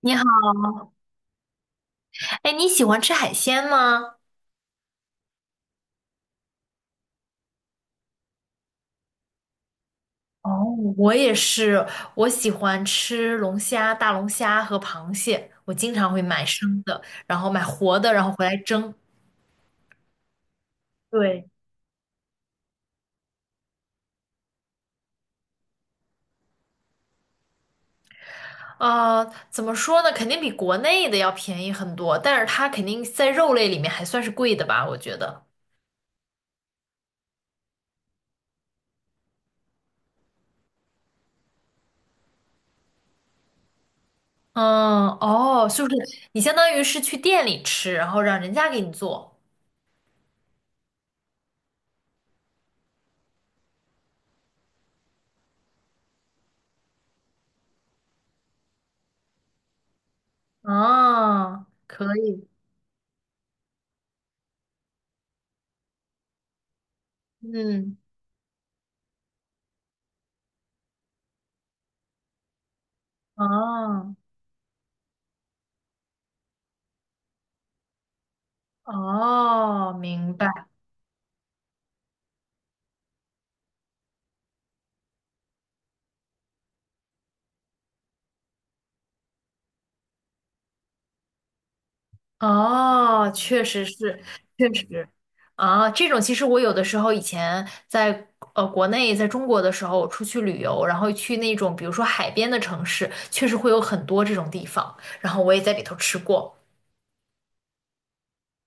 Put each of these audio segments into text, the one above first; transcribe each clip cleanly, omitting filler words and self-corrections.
你好。哎，你喜欢吃海鲜吗？哦，我也是，我喜欢吃龙虾、大龙虾和螃蟹，我经常会买生的，然后买活的，然后回来蒸。对。啊，怎么说呢？肯定比国内的要便宜很多，但是它肯定在肉类里面还算是贵的吧，我觉得。嗯，哦，就是 你相当于是去店里吃，然后让人家给你做。啊，可以。嗯，哦，哦，明白。哦，确实是。确实，啊，这种其实我有的时候以前在国内，在中国的时候，我出去旅游，然后去那种比如说海边的城市，确实会有很多这种地方，然后我也在里头吃过。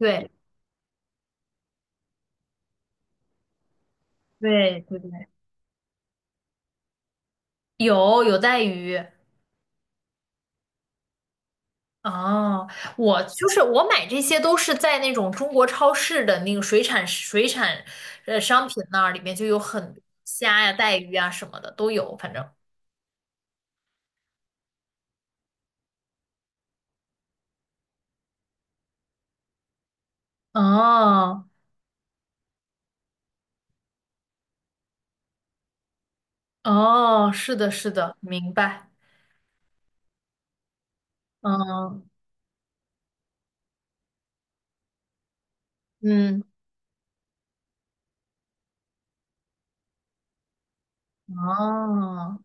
对对对对，有有带鱼。哦，我就是我买这些都是在那种中国超市的那个水产商品那儿，里面就有很多虾呀、带鱼啊什么的都有，反正。哦。哦，是的，是的，明白。嗯嗯，哦，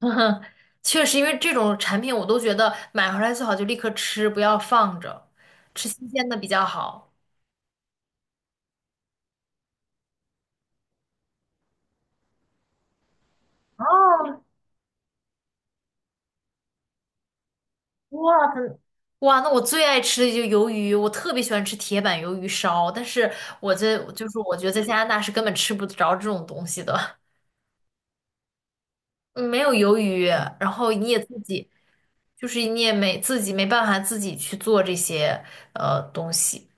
确实，因为这种产品我都觉得买回来最好就立刻吃，不要放着，吃新鲜的比较好。哦，哇，很哇，那我最爱吃的就是鱿鱼，我特别喜欢吃铁板鱿鱼烧，但是我这就是我觉得在加拿大是根本吃不着这种东西的。嗯，没有鱿鱼，然后你也自己就是你也没自己没办法自己去做这些东西。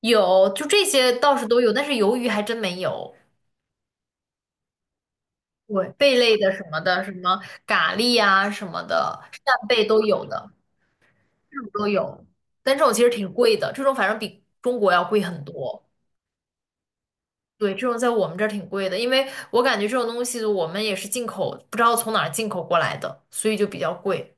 有，就这些倒是都有，但是鱿鱼还真没有。对，贝类的什么的，什么蛤蜊啊什么的，扇贝都有的，这种都有。但这种其实挺贵的，这种反正比中国要贵很多。对，这种在我们这儿挺贵的，因为我感觉这种东西我们也是进口，不知道从哪儿进口过来的，所以就比较贵。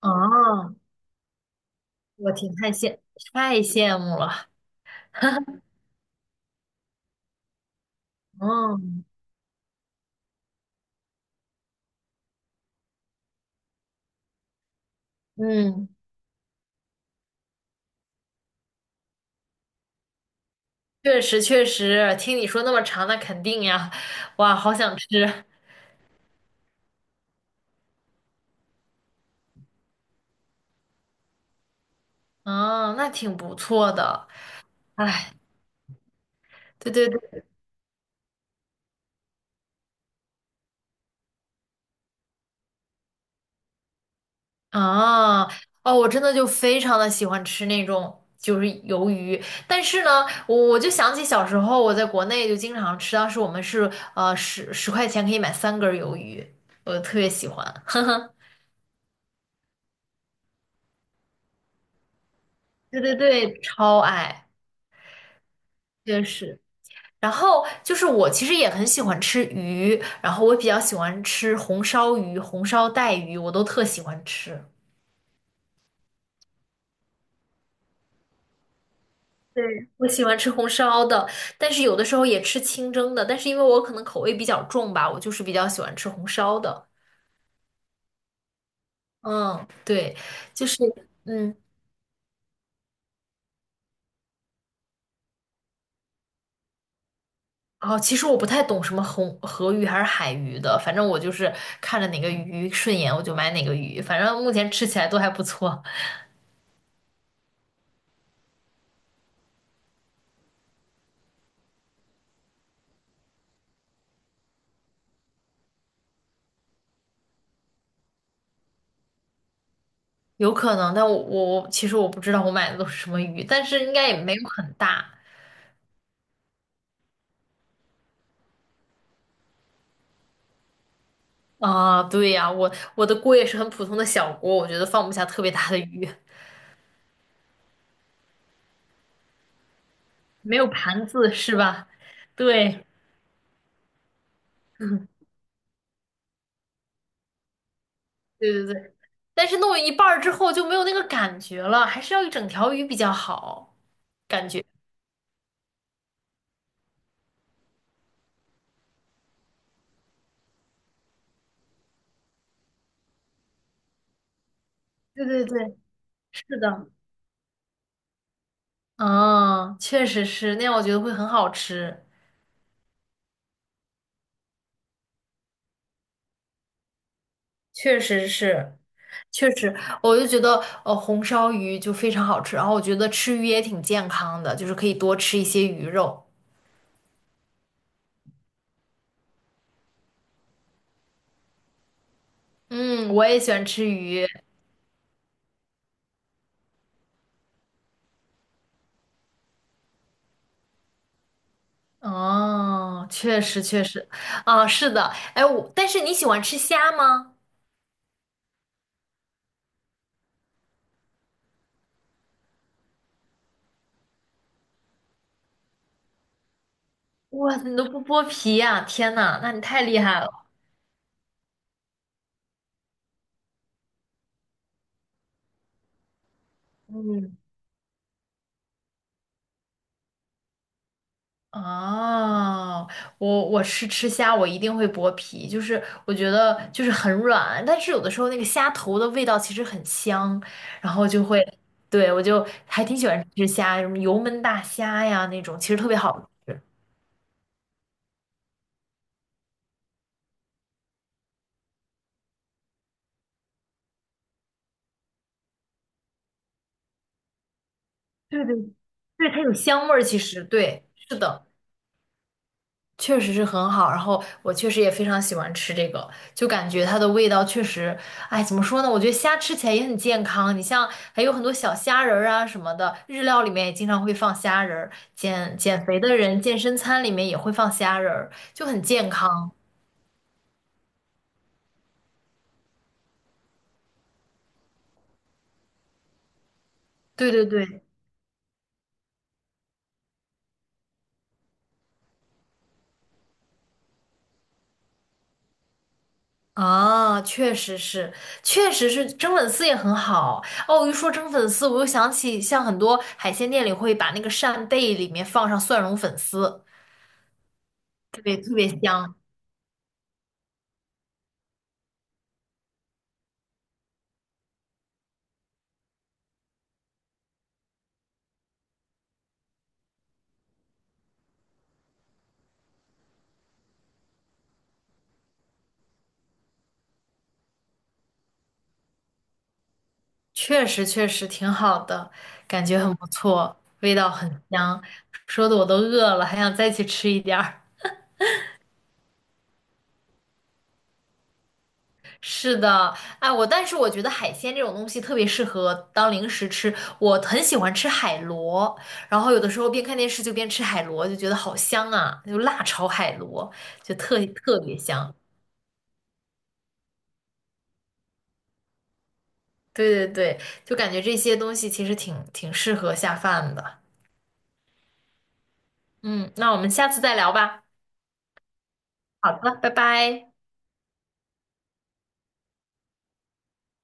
啊，我挺太羡太羡慕了。嗯嗯，确实确实，听你说那么长，那肯定呀，哇，好想吃。哦，那挺不错的。哎，对对对，啊，哦，我真的就非常的喜欢吃那种就是鱿鱼，但是呢，我就想起小时候我在国内就经常吃，当时我们是10块钱可以买3根儿鱿鱼，我特别喜欢。对对对，超爱，确实。然后就是我其实也很喜欢吃鱼，然后我比较喜欢吃红烧鱼、红烧带鱼，我都特喜欢吃。对，我喜欢吃红烧的，但是有的时候也吃清蒸的，但是因为我可能口味比较重吧，我就是比较喜欢吃红烧的。嗯，对，就是嗯，哦，其实我不太懂什么红河鱼还是海鱼的，反正我就是看着哪个鱼顺眼我就买哪个鱼，反正目前吃起来都还不错。有可能，但我其实我不知道我买的都是什么鱼，但是应该也没有很大啊。对呀，我的锅也是很普通的小锅，我觉得放不下特别大的鱼。没有盘子是吧？对，对对对，但是弄一半儿之后就没有那个感觉了，还是要一整条鱼比较好，感觉。对对对，是的。嗯，确实是，那样我觉得会很好吃，确实是，确实，我就觉得红烧鱼就非常好吃，然后我觉得吃鱼也挺健康的，就是可以多吃一些鱼肉。嗯，我也喜欢吃鱼。哦，确实确实，啊，是的，哎，我，但是你喜欢吃虾吗？哇，你都不剥皮呀、天呐，那你太厉害了。嗯，哦，我我是吃虾，我一定会剥皮，就是我觉得就是很软，但是有的时候那个虾头的味道其实很香，然后就会，对，我就还挺喜欢吃虾，什么油焖大虾呀那种，其实特别好吃，对对对，它有香味儿，其实对，是的。确实是很好，然后我确实也非常喜欢吃这个，就感觉它的味道确实，哎，怎么说呢？我觉得虾吃起来也很健康，你像还有很多小虾仁儿啊什么的，日料里面也经常会放虾仁儿，减肥的人健身餐里面也会放虾仁儿，就很健康。对对对，啊，确实是，确实是蒸粉丝也很好。哦，一说蒸粉丝，我又想起像很多海鲜店里会把那个扇贝里面放上蒜蓉粉丝，特别特别香。确实确实挺好的，感觉很不错，味道很香，说的我都饿了，还想再去吃一点儿。是的，哎，我但是我觉得海鲜这种东西特别适合当零食吃，我很喜欢吃海螺，然后有的时候边看电视就边吃海螺，就觉得好香啊，就辣炒海螺，就特特别香。对对对，就感觉这些东西其实挺挺适合下饭的。嗯，那我们下次再聊吧。好的，拜拜。